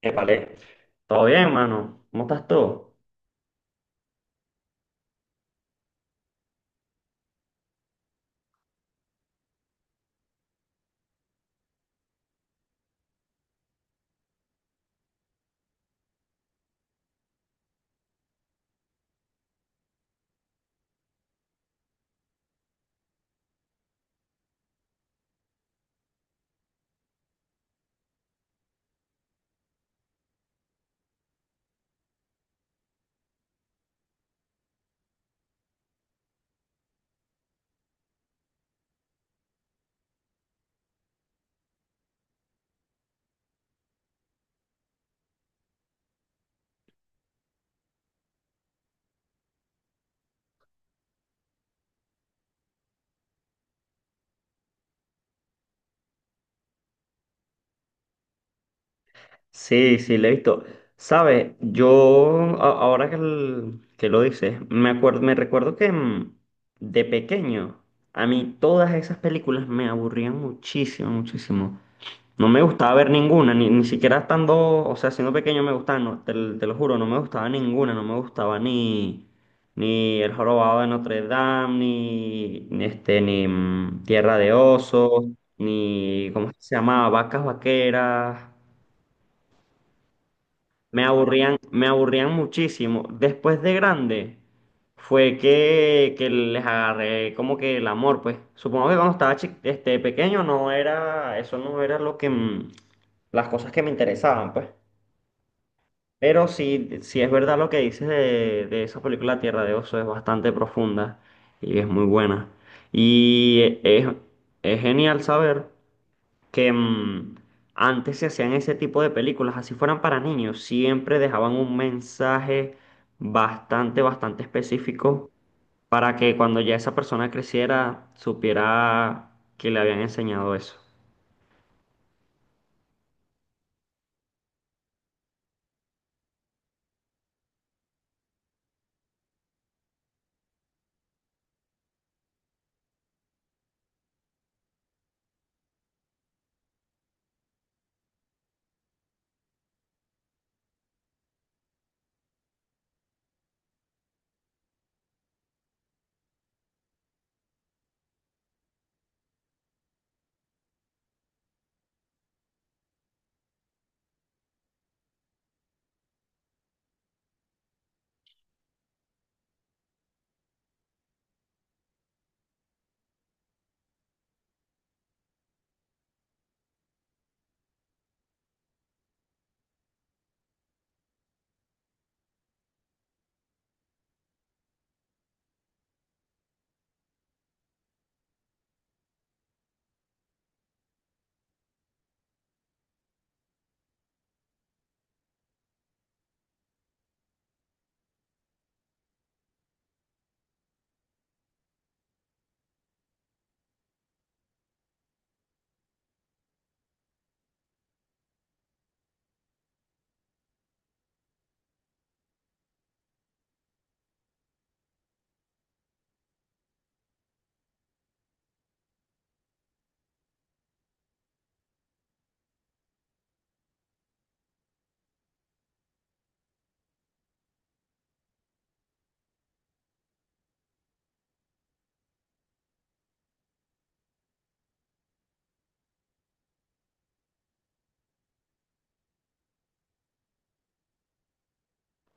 Epale, ¿todo bien, mano? ¿Cómo estás tú? Sí, sí, le he visto. Sabes, ahora que lo dices, me recuerdo que de pequeño a mí todas esas películas me aburrían muchísimo, muchísimo. No me gustaba ver ninguna, ni siquiera estando, o sea, siendo pequeño me gustaba, no, te lo juro, no me gustaba ninguna, no me gustaba ni El Jorobado de Notre Dame, ni Tierra de Osos, ni, ¿cómo es que se llamaba? Vacas Vaqueras. Me aburrían muchísimo. Después de grande fue que les agarré como que el amor, pues. Supongo que cuando estaba pequeño no era, eso no era lo que las cosas que me interesaban, pues. Pero sí, sí es verdad lo que dices de esa película Tierra de Oso, es bastante profunda y es muy buena. Y es, es genial saber que antes se hacían ese tipo de películas, así fueran para niños, siempre dejaban un mensaje bastante específico para que cuando ya esa persona creciera supiera que le habían enseñado eso.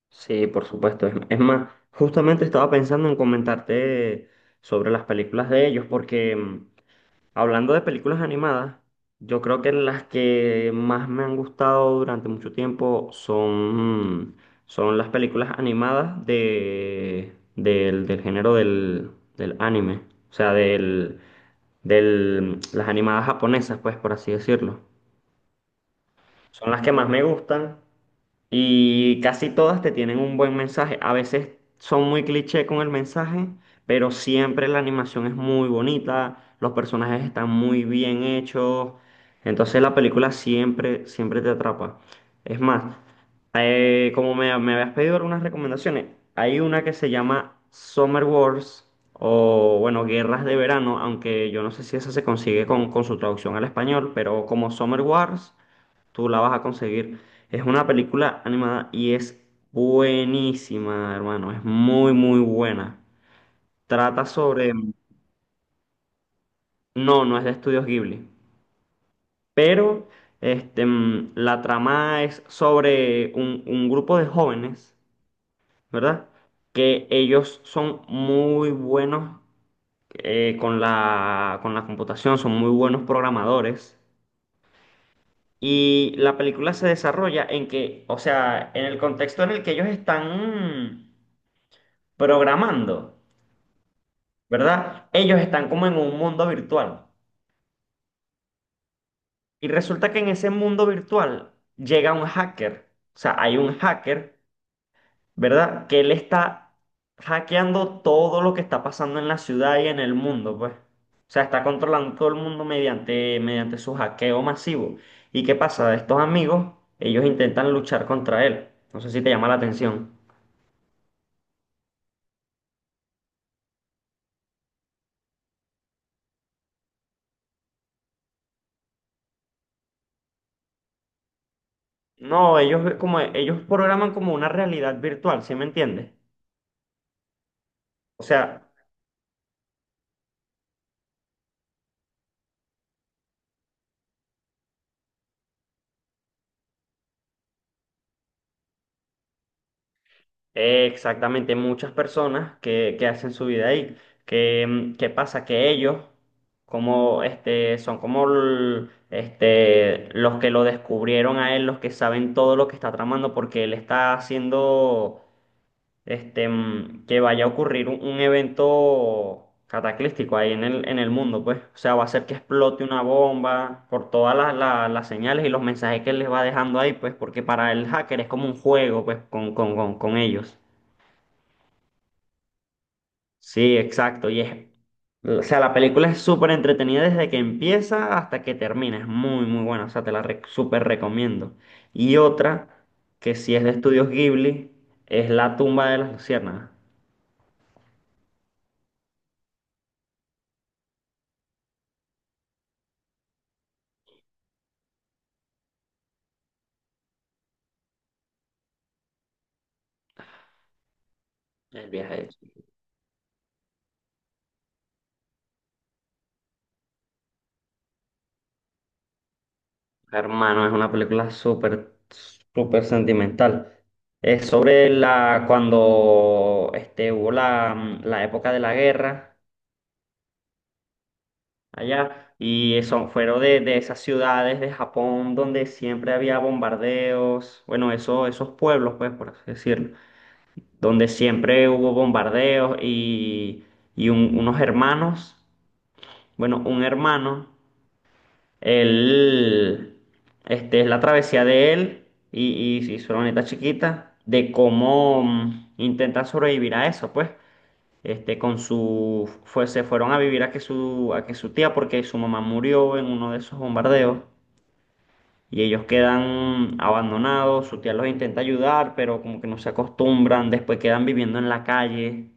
Sí, por supuesto. Es más, justamente estaba pensando en comentarte sobre las películas de ellos porque hablando de películas animadas, yo creo que las que más me han gustado durante mucho tiempo son, son las películas animadas del del género del anime. O sea, del, del, las animadas japonesas, pues, por así decirlo. Son las que más me gustan y casi todas te tienen un buen mensaje. A veces son muy cliché con el mensaje, pero siempre la animación es muy bonita, los personajes están muy bien hechos. Entonces la película siempre, siempre te atrapa. Es más, como me habías pedido algunas recomendaciones, hay una que se llama Summer Wars o, bueno, Guerras de Verano, aunque yo no sé si esa se consigue con su traducción al español, pero como Summer Wars tú la vas a conseguir. Es una película animada y es buenísima, hermano. Es muy, muy buena. Trata sobre... No, no es de Estudios Ghibli. Pero la trama es sobre un grupo de jóvenes, ¿verdad? Que ellos son muy buenos con con la computación, son muy buenos programadores. Y la película se desarrolla en que, o sea, en el contexto en el que ellos están... programando, ¿verdad? Ellos están como en un mundo virtual. Y resulta que en ese mundo virtual llega un hacker. O sea, hay un hacker, ¿verdad? Que él está hackeando todo lo que está pasando en la ciudad y en el mundo, pues. O sea, está controlando todo el mundo mediante su hackeo masivo. ¿Y qué pasa? Estos amigos, ellos intentan luchar contra él. No sé si te llama la atención. No, ellos programan como una realidad virtual, ¿sí me entiendes? O sea, eh, exactamente, muchas personas que hacen su vida ahí. ¿Qué pasa? Que ellos como este, son como l- este, los que lo descubrieron a él, los que saben todo lo que está tramando, porque él está haciendo que vaya a ocurrir un evento cataclístico ahí en en el mundo, pues. O sea, va a ser que explote una bomba por todas las señales y los mensajes que él les va dejando ahí, pues, porque para el hacker es como un juego, pues, con ellos. Sí, exacto. O sea, la película es súper entretenida desde que empieza hasta que termina. Es muy, muy buena. O sea, súper recomiendo. Y otra, que sí es de Estudios Ghibli, es La tumba de las luciérnagas. El viaje de Chihiro. Hermano, es una película súper, súper sentimental. Es sobre cuando este, hubo la época de la guerra allá. Y eso fueron de esas ciudades de Japón donde siempre había bombardeos, bueno, eso, esos pueblos, pues, por así decirlo, donde siempre hubo bombardeos y, unos hermanos, bueno, un hermano, él, este, es la travesía de él y su hermanita chiquita, de cómo intentan sobrevivir a eso, pues. Este, con su, fue, se fueron a vivir a que su tía, porque su mamá murió en uno de esos bombardeos y ellos quedan abandonados. Su tía los intenta ayudar, pero como que no se acostumbran. Después quedan viviendo en la calle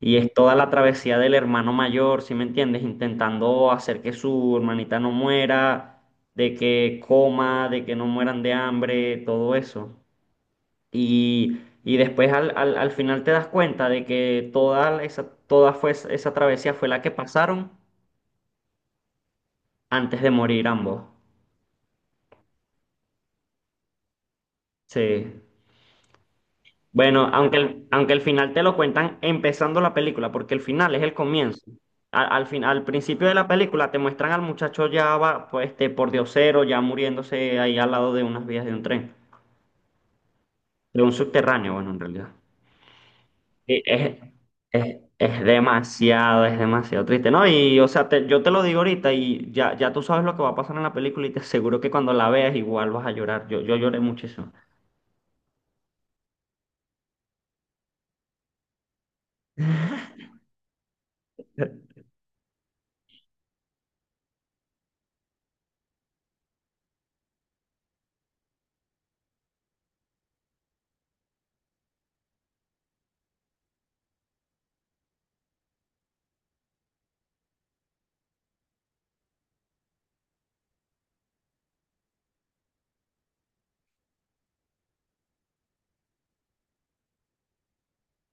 y es toda la travesía del hermano mayor, ¿si me entiendes? Intentando hacer que su hermanita no muera, de que coma, de que no mueran de hambre, todo eso. Y después al final te das cuenta de que toda esa travesía fue la que pasaron antes de morir ambos. Sí. Bueno, aunque el final te lo cuentan empezando la película, porque el final es el comienzo. Al principio de la película te muestran al muchacho ya va, pues, este, por diosero, ya muriéndose ahí al lado de unas vías de un tren, de un subterráneo, bueno, en realidad. Sí, es demasiado triste, ¿no? Y, o sea, te- yo te lo digo ahorita y ya, ya tú sabes lo que va a pasar en la película y te aseguro que cuando la veas igual vas a llorar. Yo lloré muchísimo.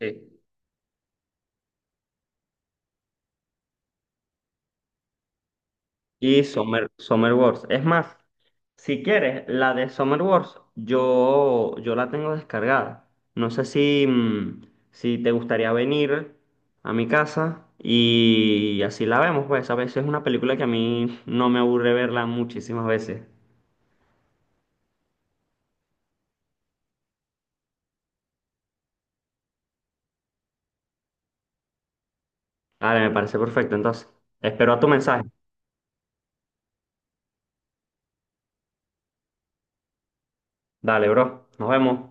Sí. Y Summer Wars. Es más, si quieres, la de Summer Wars, yo la tengo descargada. No sé si si te gustaría venir a mi casa y así la vemos, pues a veces es una película que a mí no me aburre verla muchísimas veces. Dale, me parece perfecto. Entonces, espero a tu mensaje. Dale, bro. Nos vemos.